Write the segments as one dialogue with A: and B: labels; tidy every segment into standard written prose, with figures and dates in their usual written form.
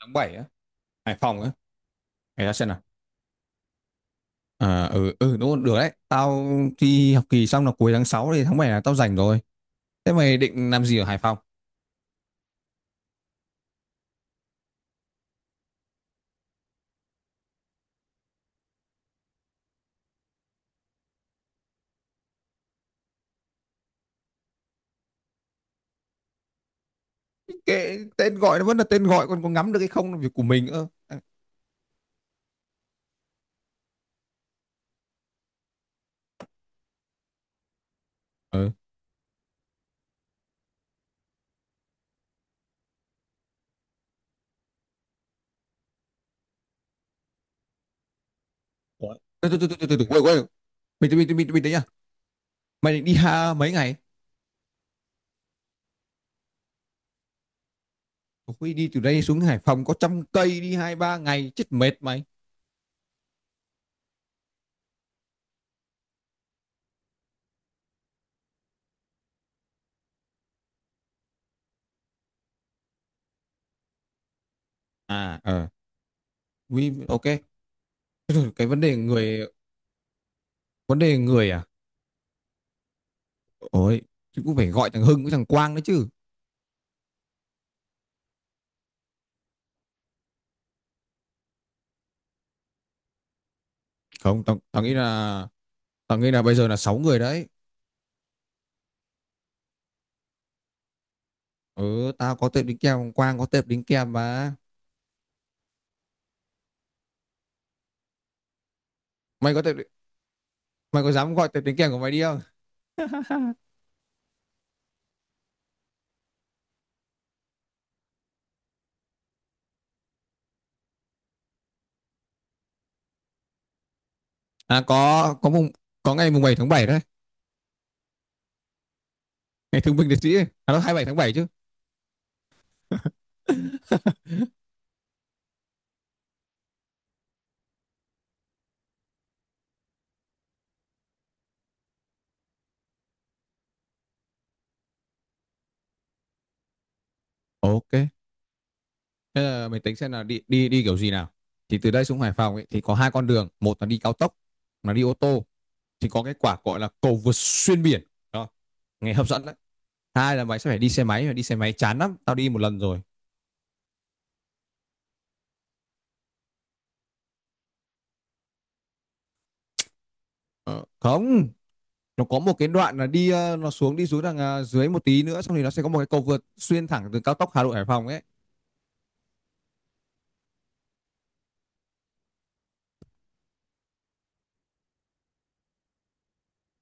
A: Tháng 7 á? Hải Phòng á? Để ta xem nào. Ừ đúng rồi, được đấy tao. Thi học kỳ xong là cuối tháng 6 thì tháng 7 là tao rảnh rồi. Thế mày định làm gì ở Hải Phòng? Kệ, tên gọi nó vẫn là tên gọi, còn có ngắm được hay không là việc của mình. Ừ. Ủa? Từ từ, quên quên, mình đấy nhá. Mày định đi ha mấy ngày? Ui, đi từ đây xuống Hải Phòng có trăm cây đi hai ba ngày chết mệt mày. à ờ Ui, ok. Thế rồi cái vấn đề người. Vấn đề người à? Ôi, chứ cũng phải gọi thằng Hưng với thằng Quang đấy chứ. Không, tao tao nghĩ là, tao nghĩ là bây giờ là 6 người đấy. Ừ, tao có tệp đính kèm, Quang có tệp đính kèm mà. Mày có tệp, mày có dám gọi tệp đính kèm của mày đi không? À có mùng, có ngày mùng 7 tháng 7 đấy. Ngày thương binh liệt sĩ ấy. À đó, 7 tháng 7 chứ. Ok, thế là mình tính xem là đi đi đi kiểu gì nào. Thì từ đây xuống Hải Phòng ấy thì có hai con đường. Một là đi cao tốc, là đi ô tô, thì có cái quả gọi là cầu vượt xuyên biển đó, nghe hấp dẫn đấy. Hai là mày sẽ phải đi xe máy, mà đi xe máy chán lắm, tao đi một lần rồi. Ờ, không. Nó có một cái đoạn là đi nó xuống, đi xuống đằng dưới một tí nữa, xong thì nó sẽ có một cái cầu vượt xuyên thẳng từ cao tốc Hà Nội Hải Phòng ấy.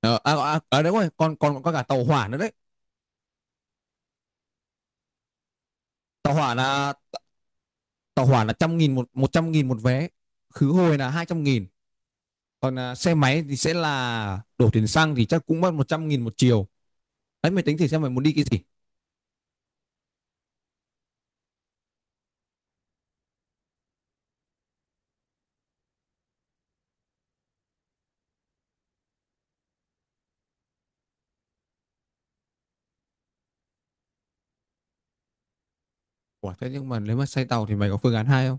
A: Đúng rồi, còn còn có cả tàu hỏa nữa đấy. Tàu hỏa là, tàu hỏa là 100 nghìn một, 100 nghìn một vé, khứ hồi là 200 nghìn. Còn à, xe máy thì sẽ là đổ tiền xăng thì chắc cũng mất 100 nghìn một chiều. Đấy, mày tính thử xem mày muốn đi cái gì. Ủa, thế nhưng mà nếu mà xe tàu thì mày có phương án hai không?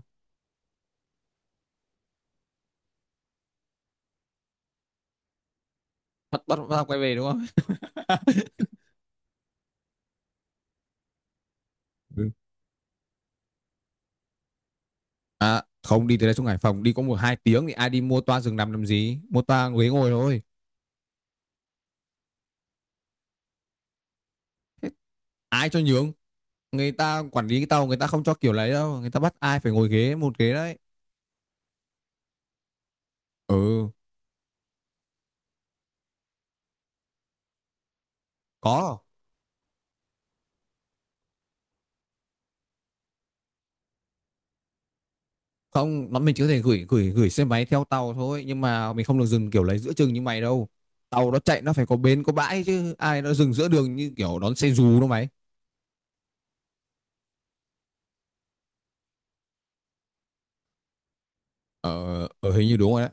A: Bắt bắt bắt quay về đúng không? À, không, đi từ đây xuống Hải Phòng đi có 1 2 tiếng thì ai đi mua toa giường nằm làm gì, mua toa ghế ngồi thôi. Ai cho nhường, người ta quản lý cái tàu người ta không cho kiểu lấy đâu, người ta bắt ai phải ngồi ghế một ghế đấy. Ừ. Có. Không, nó mình chỉ có thể gửi gửi gửi xe máy theo tàu thôi, nhưng mà mình không được dừng kiểu lấy giữa chừng như mày đâu. Tàu nó chạy nó phải có bến có bãi chứ, ai nó dừng giữa đường như kiểu đón xe dù đâu mày. Ờ, Hình như đúng rồi đấy.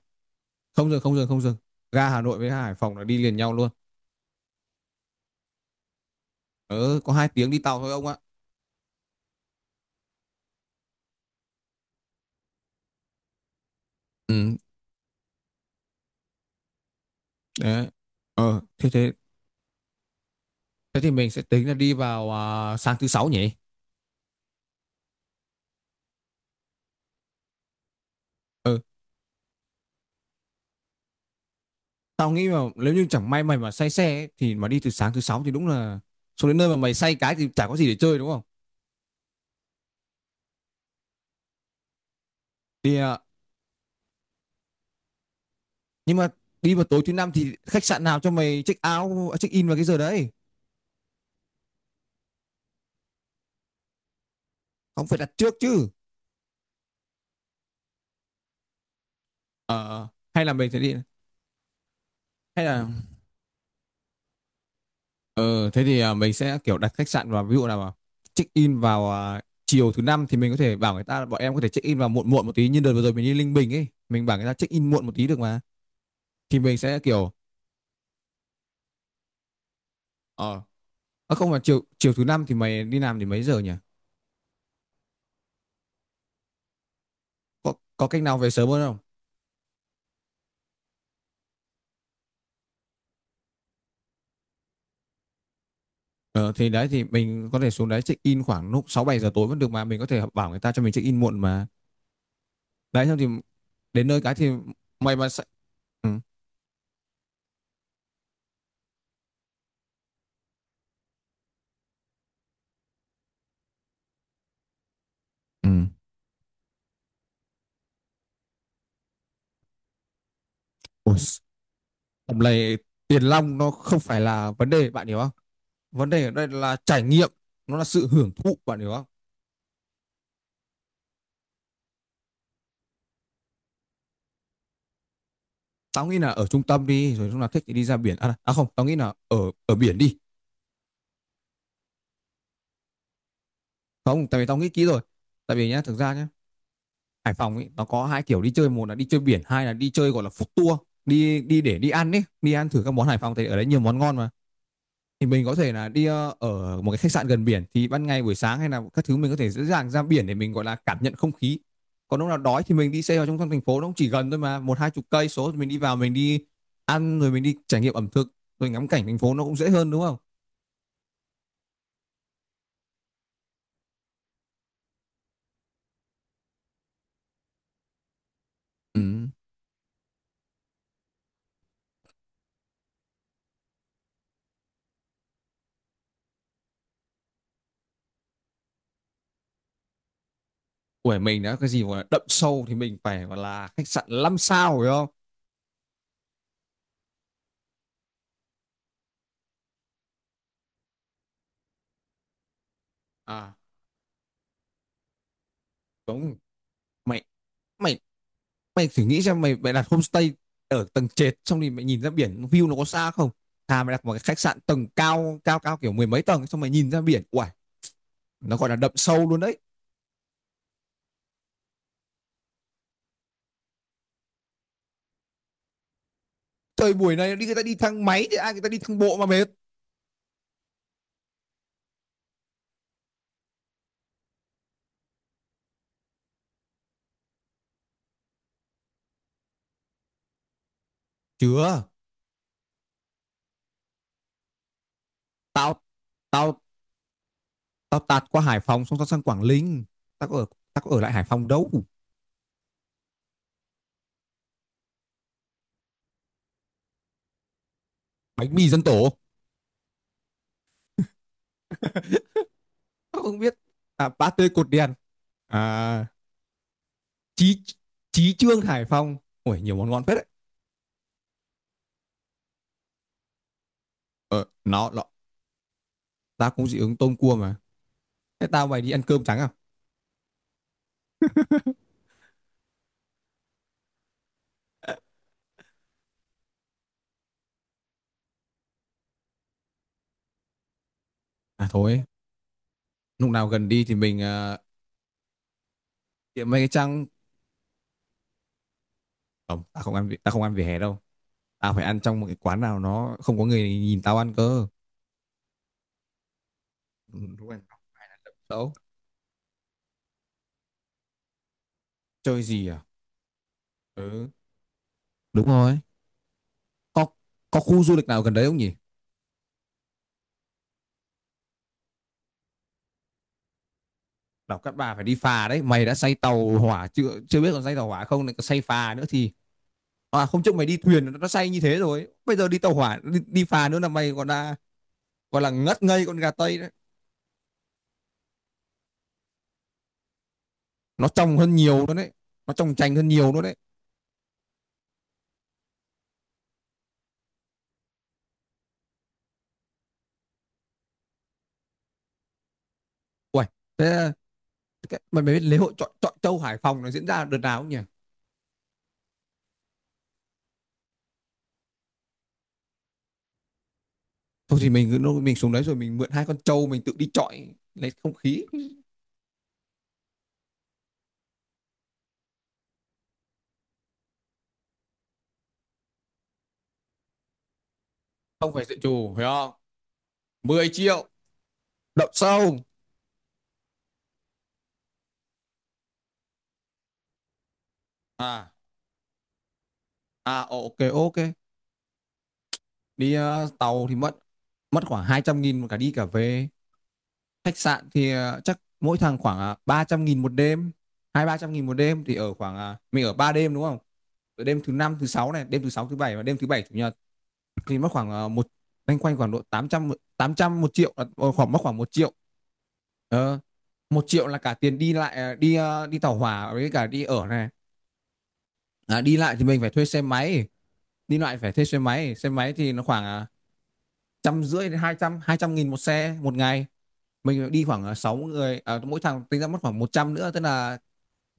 A: Không dừng, không dừng, không dừng. Ga Hà Nội với ga Hải Phòng là đi liền nhau luôn. Ờ có 2 tiếng đi tàu thôi ông ạ. Ừ. Đấy. Ờ thế thế thế thì mình sẽ tính là đi vào sáng thứ sáu nhỉ. Ừ. Tao nghĩ mà nếu như chẳng may mày mà say xe ấy, thì mà đi từ sáng thứ sáu thì đúng là xuống đến nơi mà mày say cái thì chả có gì để chơi đúng không? Thì à, nhưng mà đi vào tối thứ năm thì khách sạn nào cho mày check out, à, check in vào cái giờ đấy? Không, phải đặt trước chứ. Ờ, hay là mình sẽ đi, hay là ờ thế thì mình sẽ kiểu đặt khách sạn vào ví dụ nào mà check in vào chiều thứ năm, thì mình có thể bảo người ta là bọn em có thể check in vào muộn muộn một tí, như đợt vừa rồi mình đi Linh Bình ấy, mình bảo người ta check in muộn một tí được mà. Thì mình sẽ kiểu ờ không, mà chiều chiều thứ năm thì mày đi làm thì mấy giờ nhỉ? Có cách nào về sớm hơn không? Ờ, thì đấy, thì mình có thể xuống đấy check in khoảng lúc 6 7 giờ tối vẫn được mà, mình có thể bảo người ta cho mình check in muộn mà. Đấy, xong thì đến nơi cái thì mày mà sẽ. Ừ. Ừ. Ôi, tầm này tiền long nó không phải là vấn đề, bạn hiểu không? Vấn đề ở đây là trải nghiệm, nó là sự hưởng thụ, bạn hiểu không? Tao nghĩ là ở trung tâm đi, rồi lúc nào thích thì đi ra biển, không, tao nghĩ là ở, ở biển đi. Không, tại vì tao nghĩ kỹ rồi. Tại vì nhá, thực ra nhá, Hải Phòng ấy nó có hai kiểu đi chơi. Một là đi chơi biển, hai là đi chơi gọi là food tour, đi, đi để đi ăn ấy, đi ăn thử các món Hải Phòng, thì ở đấy nhiều món ngon mà. Thì mình có thể là đi ở một cái khách sạn gần biển, thì ban ngày buổi sáng hay là các thứ mình có thể dễ dàng ra biển để mình gọi là cảm nhận không khí. Còn lúc nào đói thì mình đi xe vào trong thành phố, nó cũng chỉ gần thôi mà, 1 2 chục cây số, thì mình đi vào mình đi ăn, rồi mình đi trải nghiệm ẩm thực, rồi ngắm cảnh thành phố nó cũng dễ hơn đúng không. Ừ. Của mình đã cái gì gọi là đậm sâu thì mình phải gọi là khách sạn 5 sao phải không? À đúng. Mày mày mày thử nghĩ xem, mày mày đặt homestay ở tầng trệt xong thì mày nhìn ra biển view nó có xa không? Thà mày đặt một cái khách sạn tầng cao cao cao kiểu 10 mấy tầng xong mày nhìn ra biển, uầy, nó gọi là đậm sâu luôn đấy. Thời buổi này đi người ta đi thang máy, thì ai người ta đi thang bộ mà mệt. Chưa. Tao tao tao tạt qua Hải Phòng xong tao sang Quảng Ninh, tao có ở, tao có ở lại Hải Phòng đâu. Bánh mì dân tổ. Tao không biết. À ba tươi cột đèn. À chí, chí trương Hải Phòng, ui nhiều món ngon phết đấy. Ờ nó Tao cũng dị ứng tôm cua mà. Thế tao mày đi ăn cơm trắng à? À thôi, lúc nào gần đi thì mình uh, tiệm mấy cái trang. Không, tao không ăn vỉa hè đâu. Tao phải ăn trong một cái quán nào nó không có người nhìn tao ăn cơ. Ừ, đúng rồi. Đâu? Chơi gì à? Ừ, đúng rồi. Có có khu du lịch nào gần đấy không nhỉ? Đảo Cát Bà phải đi phà đấy, mày đã say tàu hỏa chưa? Chưa biết còn say tàu hỏa không, lại còn say phà nữa thì, à không, trước mày đi thuyền nó say như thế rồi. Bây giờ đi tàu hỏa, đi phà nữa là mày còn là gọi là ngất ngây con gà tây đấy. Nó trong hơn nhiều luôn đấy. Nó trong chành hơn nhiều luôn đấy. Uầy, thế cái mà mày biết lễ hội chọi chọi trâu Hải Phòng nó diễn ra đợt nào không nhỉ? Thôi thì mình cứ mình xuống đấy rồi mình mượn 2 con trâu mình tự đi chọi lấy không khí. Không phải dự trù, hiểu không? 10 triệu, đậu sâu. À, à ok ok. Đi tàu thì mất, mất khoảng 200 nghìn một cả đi cả về. Khách sạn thì chắc mỗi thằng khoảng 300 nghìn một đêm, 2 3 trăm nghìn một đêm, thì ở khoảng mình ở 3 đêm đúng không? Ở đêm thứ năm, thứ sáu này, đêm thứ sáu, thứ bảy, và đêm thứ bảy chủ nhật, thì mất khoảng một, loanh quanh khoảng độ 800, 1 triệu khoảng mất khoảng 1 triệu. ờ, 1 triệu là cả tiền đi lại đi tàu hỏa với cả đi ở này. À, đi lại thì mình phải thuê xe máy, đi lại phải thuê xe máy, xe máy thì nó khoảng 150 nghìn đến 200 nghìn, 200 nghìn một xe một ngày. Mình đi khoảng 6 người, à mỗi thằng tính ra mất khoảng 100 nghìn nữa, tức là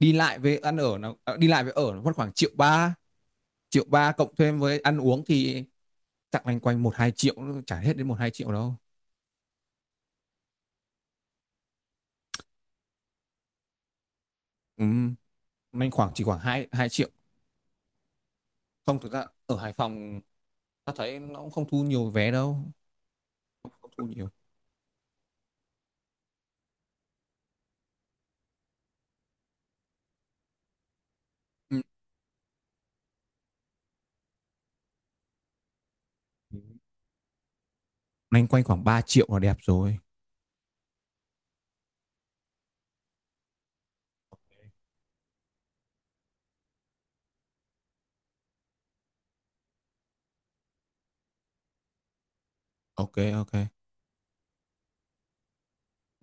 A: đi lại với ăn ở nó, à đi lại với ở nó mất khoảng 1 triệu 3. Triệu ba cộng thêm với ăn uống thì chắc loanh quanh 1 2 triệu, chả hết đến 1 2 triệu đâu. Ừ, loanh khoảng chỉ khoảng hai 2 triệu. Không, thực ra ở Hải Phòng ta thấy nó cũng không thu nhiều vé đâu. Không, không thu nhiều. Ừ. Loanh quanh khoảng 3 triệu là đẹp rồi. Ok. Ok.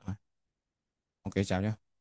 A: Rồi, ok chào nhé.